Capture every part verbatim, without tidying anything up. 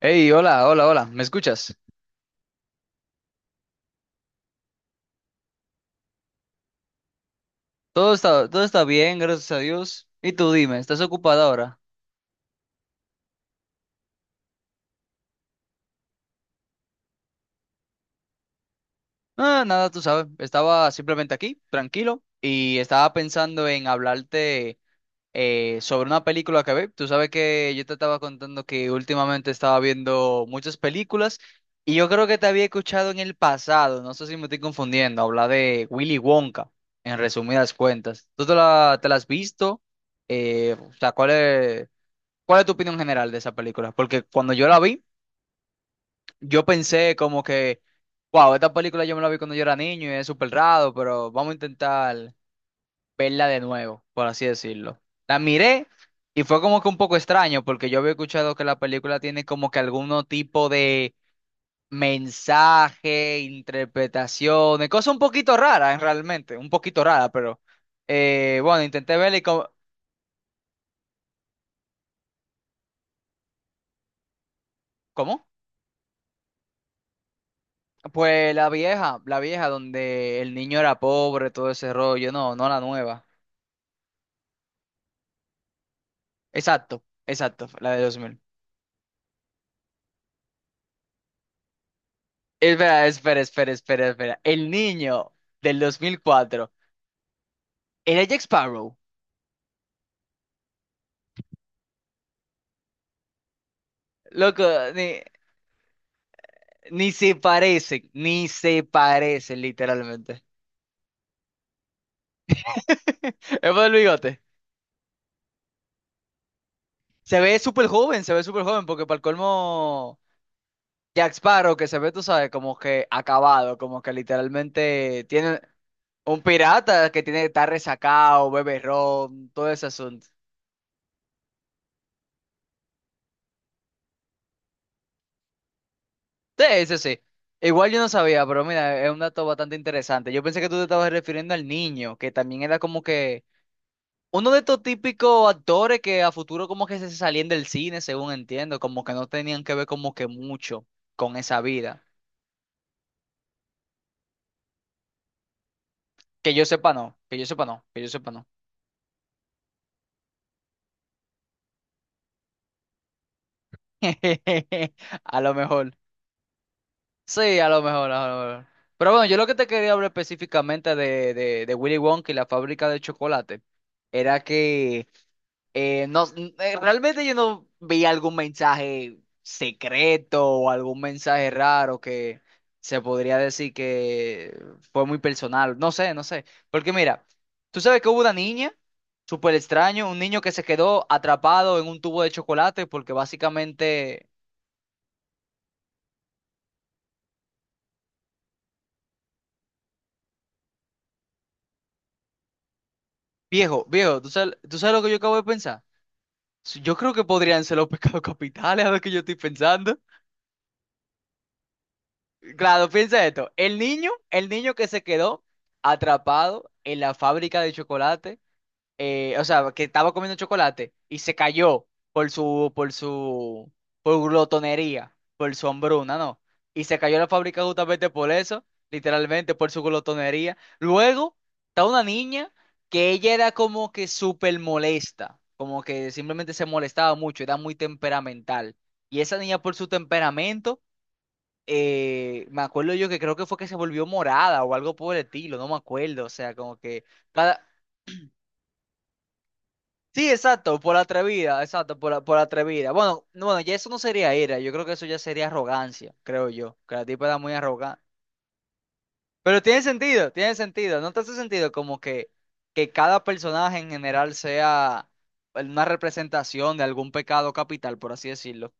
Hey, hola, hola, hola, ¿me escuchas? Todo está, todo está bien, gracias a Dios. Y tú dime, ¿estás ocupada ahora? Ah, nada, tú sabes, estaba simplemente aquí, tranquilo, y estaba pensando en hablarte eh, sobre una película que ve. Tú sabes que yo te estaba contando que últimamente estaba viendo muchas películas y yo creo que te había escuchado en el pasado, no sé si me estoy confundiendo, hablar de Willy Wonka, en resumidas cuentas. ¿Tú te la, te la has visto? Eh, o sea, ¿cuál es? ¿Cuál es tu opinión general de esa película? Porque cuando yo la vi, yo pensé como que, wow, esta película yo me la vi cuando yo era niño y es súper raro, pero vamos a intentar verla de nuevo, por así decirlo. La miré y fue como que un poco extraño, porque yo había escuchado que la película tiene como que algún tipo de mensaje, interpretaciones, cosas un poquito raras realmente, un poquito raras, pero eh, bueno, intenté verla y como... ¿Cómo? Pues la vieja, la vieja donde el niño era pobre, todo ese rollo, no, no la nueva. Exacto, exacto, la de dos mil. Espera, espera, espera, espera, espera. El niño del dos mil cuatro, era Jack Sparrow. Loco, ni, ni se parecen, ni se parecen literalmente. Es por el bigote. Se ve súper joven, se ve súper joven, porque para el colmo Jack Sparrow que se ve, tú sabes, como que acabado, como que literalmente tiene un pirata que tiene que estar resacado, bebe ron, todo ese asunto. Sí, sí sí. Igual yo no sabía, pero mira, es un dato bastante interesante. Yo pensé que tú te estabas refiriendo al niño, que también era como que uno de estos típicos actores que a futuro como que se salían del cine, según entiendo, como que no tenían que ver como que mucho con esa vida. Que yo sepa no, que yo sepa no, que yo sepa no. A lo mejor. Sí, a lo mejor, a lo mejor. Pero bueno, yo lo que te quería hablar específicamente de, de, de Willy Wonka y la fábrica de chocolate era que eh, no, n- eh, realmente yo no vi algún mensaje secreto o algún mensaje raro que se podría decir que fue muy personal. No sé, no sé. Porque mira, tú sabes que hubo una niña súper extraño, un niño que se quedó atrapado en un tubo de chocolate porque básicamente, viejo, viejo, ¿tú sabes, tú sabes lo que yo acabo de pensar? Sí, Yo creo que podrían ser los pecados capitales, a lo que yo estoy pensando. Claro, piensa esto. El niño, el niño que se quedó atrapado en la fábrica de chocolate eh, o sea, que estaba comiendo chocolate y se cayó por su, por su, por glotonería, por su hambruna, ¿no? Y se cayó la fábrica justamente por eso, literalmente, por su glotonería. Luego está una niña que ella era como que súper molesta, como que simplemente se molestaba mucho, era muy temperamental. Y esa niña por su temperamento, eh, me acuerdo yo que creo que fue que se volvió morada o algo por el estilo, no me acuerdo, o sea, como que... Cada, Sí, exacto, por atrevida, exacto, por, por atrevida. Bueno, no, bueno, ya eso no sería ira, yo creo que eso ya sería arrogancia, creo yo, que la tipa era muy arrogante. Pero tiene sentido, tiene sentido, ¿no te hace sentido como que, que cada personaje en general sea una representación de algún pecado capital, por así decirlo?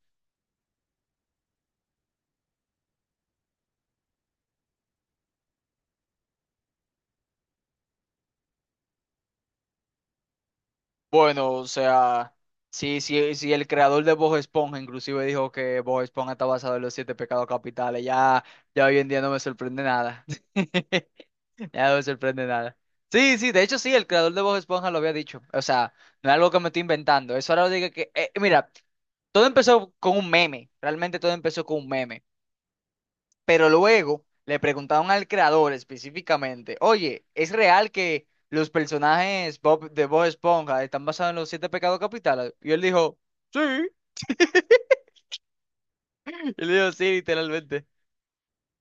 Bueno, o sea, sí, sí, sí. el creador de Bob Esponja inclusive dijo que Bob Esponja está basado en los siete pecados capitales, ya, ya hoy en día no me sorprende nada. Ya no me sorprende nada. Sí, sí, de hecho sí, el creador de Bob Esponja lo había dicho. O sea, no es algo que me estoy inventando. Eso ahora lo digo que... eh, mira, todo empezó con un meme. Realmente todo empezó con un meme. Pero luego le preguntaron al creador específicamente, oye, ¿es real que los personajes Bob, de Bob Esponja están basados en los siete pecados capitales? Y él dijo, sí. y Él dijo, sí, literalmente.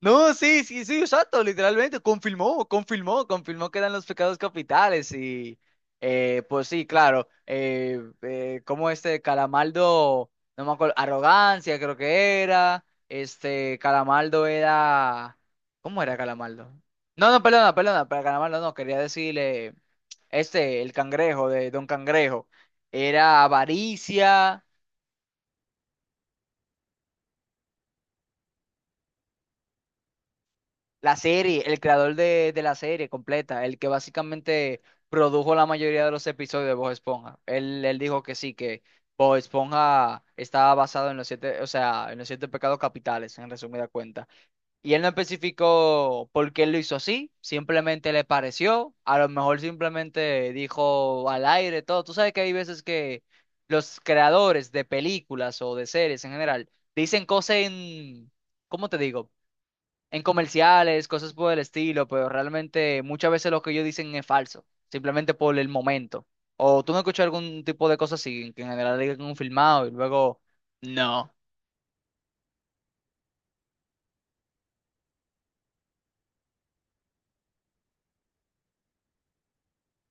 No, sí, sí, sí, exacto, literalmente, confirmó, confirmó, confirmó que eran los pecados capitales y eh, pues sí, claro, eh, eh, como este Calamaldo, no me acuerdo, arrogancia creo que era, este Calamaldo era, ¿cómo era Calamaldo? No, no, perdona, perdona, para Calamaldo no, quería decirle, este, el cangrejo de Don Cangrejo, era avaricia. La serie, el creador de, de la serie completa, el que básicamente produjo la mayoría de los episodios de Bob Esponja. Él, él dijo que sí, que Bob Esponja estaba basado en los siete, o sea, en los siete pecados capitales, en resumida cuenta. Y él no especificó por qué lo hizo así, simplemente le pareció, a lo mejor simplemente dijo al aire todo. Tú sabes que hay veces que los creadores de películas o de series en general dicen cosas en, ¿cómo te digo? En comerciales, cosas por el estilo, pero realmente muchas veces lo que ellos dicen es falso, simplemente por el momento. O tú no escuchas algún tipo de cosa así, que en general digan un filmado y luego no.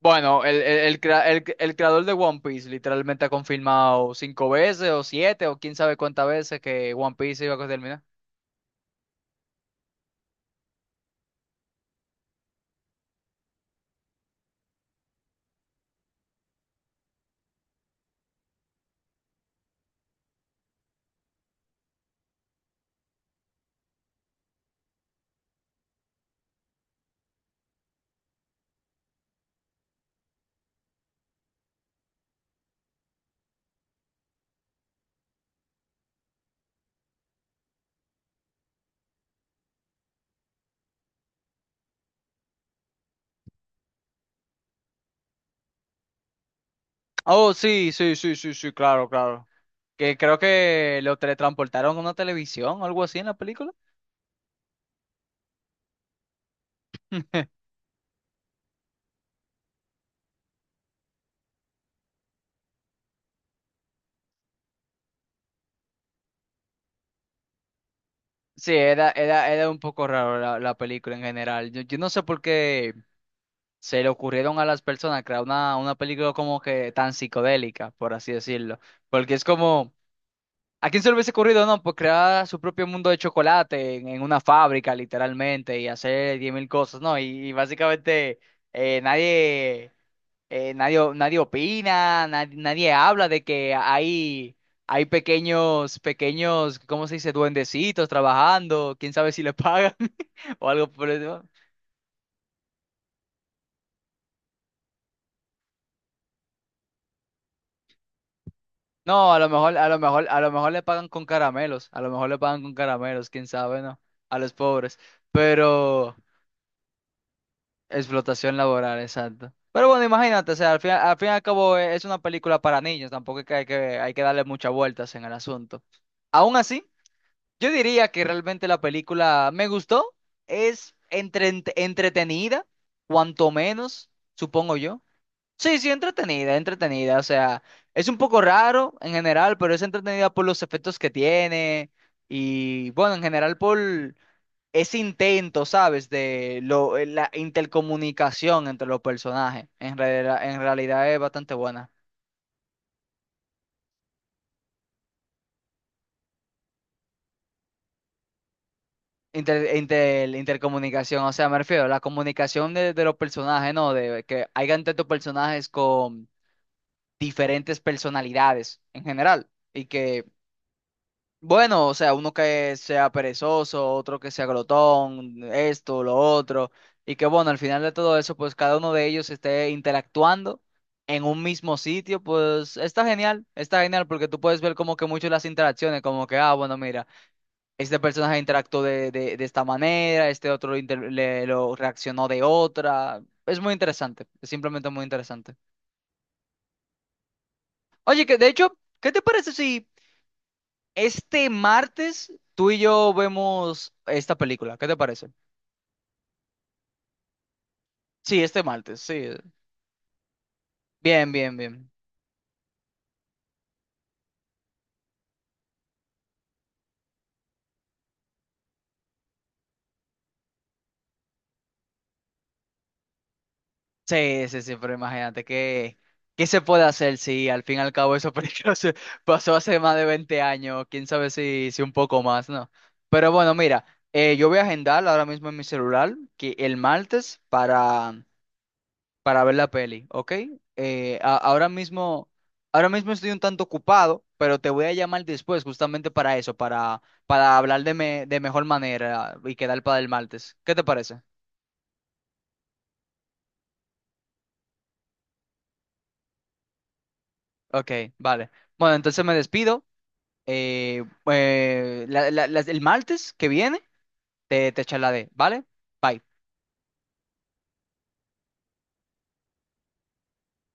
Bueno, el, el, el, crea- el- el creador de One Piece literalmente ha confirmado cinco veces o siete o quién sabe cuántas veces que One Piece iba a terminar. Oh, sí, sí, sí, sí, sí, claro, claro. Que creo que lo teletransportaron a una televisión o algo así en la película. Sí, era, era, era un poco raro la, la película en general. Yo, yo no sé por qué se le ocurrieron a las personas crear una, una película como que tan psicodélica, por así decirlo. Porque es como, ¿a quién se le hubiese ocurrido, no? Pues crear su propio mundo de chocolate en, en una fábrica, literalmente, y hacer diez mil cosas, ¿no? Y, y básicamente eh, nadie eh, nadie, nadie opina, na- nadie habla de que hay, hay pequeños, pequeños, ¿cómo se dice? Duendecitos trabajando, quién sabe si le pagan o algo por eso. No, a lo mejor, a lo mejor, a lo mejor le pagan con caramelos, a lo mejor le pagan con caramelos, quién sabe, ¿no? A los pobres. Pero explotación laboral, exacto. Pero bueno, imagínate, o sea, al fin, al fin y al cabo eh, es una película para niños, tampoco es que hay que, hay que darle muchas vueltas en el asunto. Aún así. Yo diría que realmente la película me gustó, es entre- entretenida, cuanto menos, supongo yo. Sí, sí, entretenida, entretenida, o sea, es un poco raro en general, pero es entretenida por los efectos que tiene y bueno, en general por ese intento, ¿sabes? De lo, la intercomunicación entre los personajes. En realidad, en realidad es bastante buena. Inter, inter- intercomunicación, o sea, me refiero a la comunicación de, de los personajes, ¿no? De que hayan tantos personajes con diferentes personalidades en general. Y que, bueno, o sea, uno que sea perezoso, otro que sea glotón, esto, lo otro. Y que, bueno, al final de todo eso, pues cada uno de ellos esté interactuando en un mismo sitio, pues está genial, está genial porque tú puedes ver como que mucho las interacciones, como que, ah, bueno, mira este personaje interactuó de, de, de esta manera, este otro inter- le, lo reaccionó de otra. Es muy interesante, es simplemente muy interesante. Oye, que de hecho, ¿qué te parece si este martes tú y yo vemos esta película? ¿Qué te parece? Sí, este martes, sí. Bien, bien, bien. Sí, sí, sí, pero imagínate que, ¿qué se puede hacer si al fin y al cabo eso se pasó hace más de veinte años? Quién sabe si, si un poco más, ¿no? Pero bueno, mira, eh, yo voy a agendar ahora mismo en mi celular que el martes para, para ver la peli, ¿ok? Eh, a- ahora mismo, ahora mismo estoy un tanto ocupado, pero te voy a llamar después justamente para eso, para, para hablar de, me- de mejor manera y quedar para el martes. ¿Qué te parece? Ok, vale. Bueno, entonces me despido. Eh, eh, la- la- las- el martes que viene te, te charlaré, ¿vale? Bye.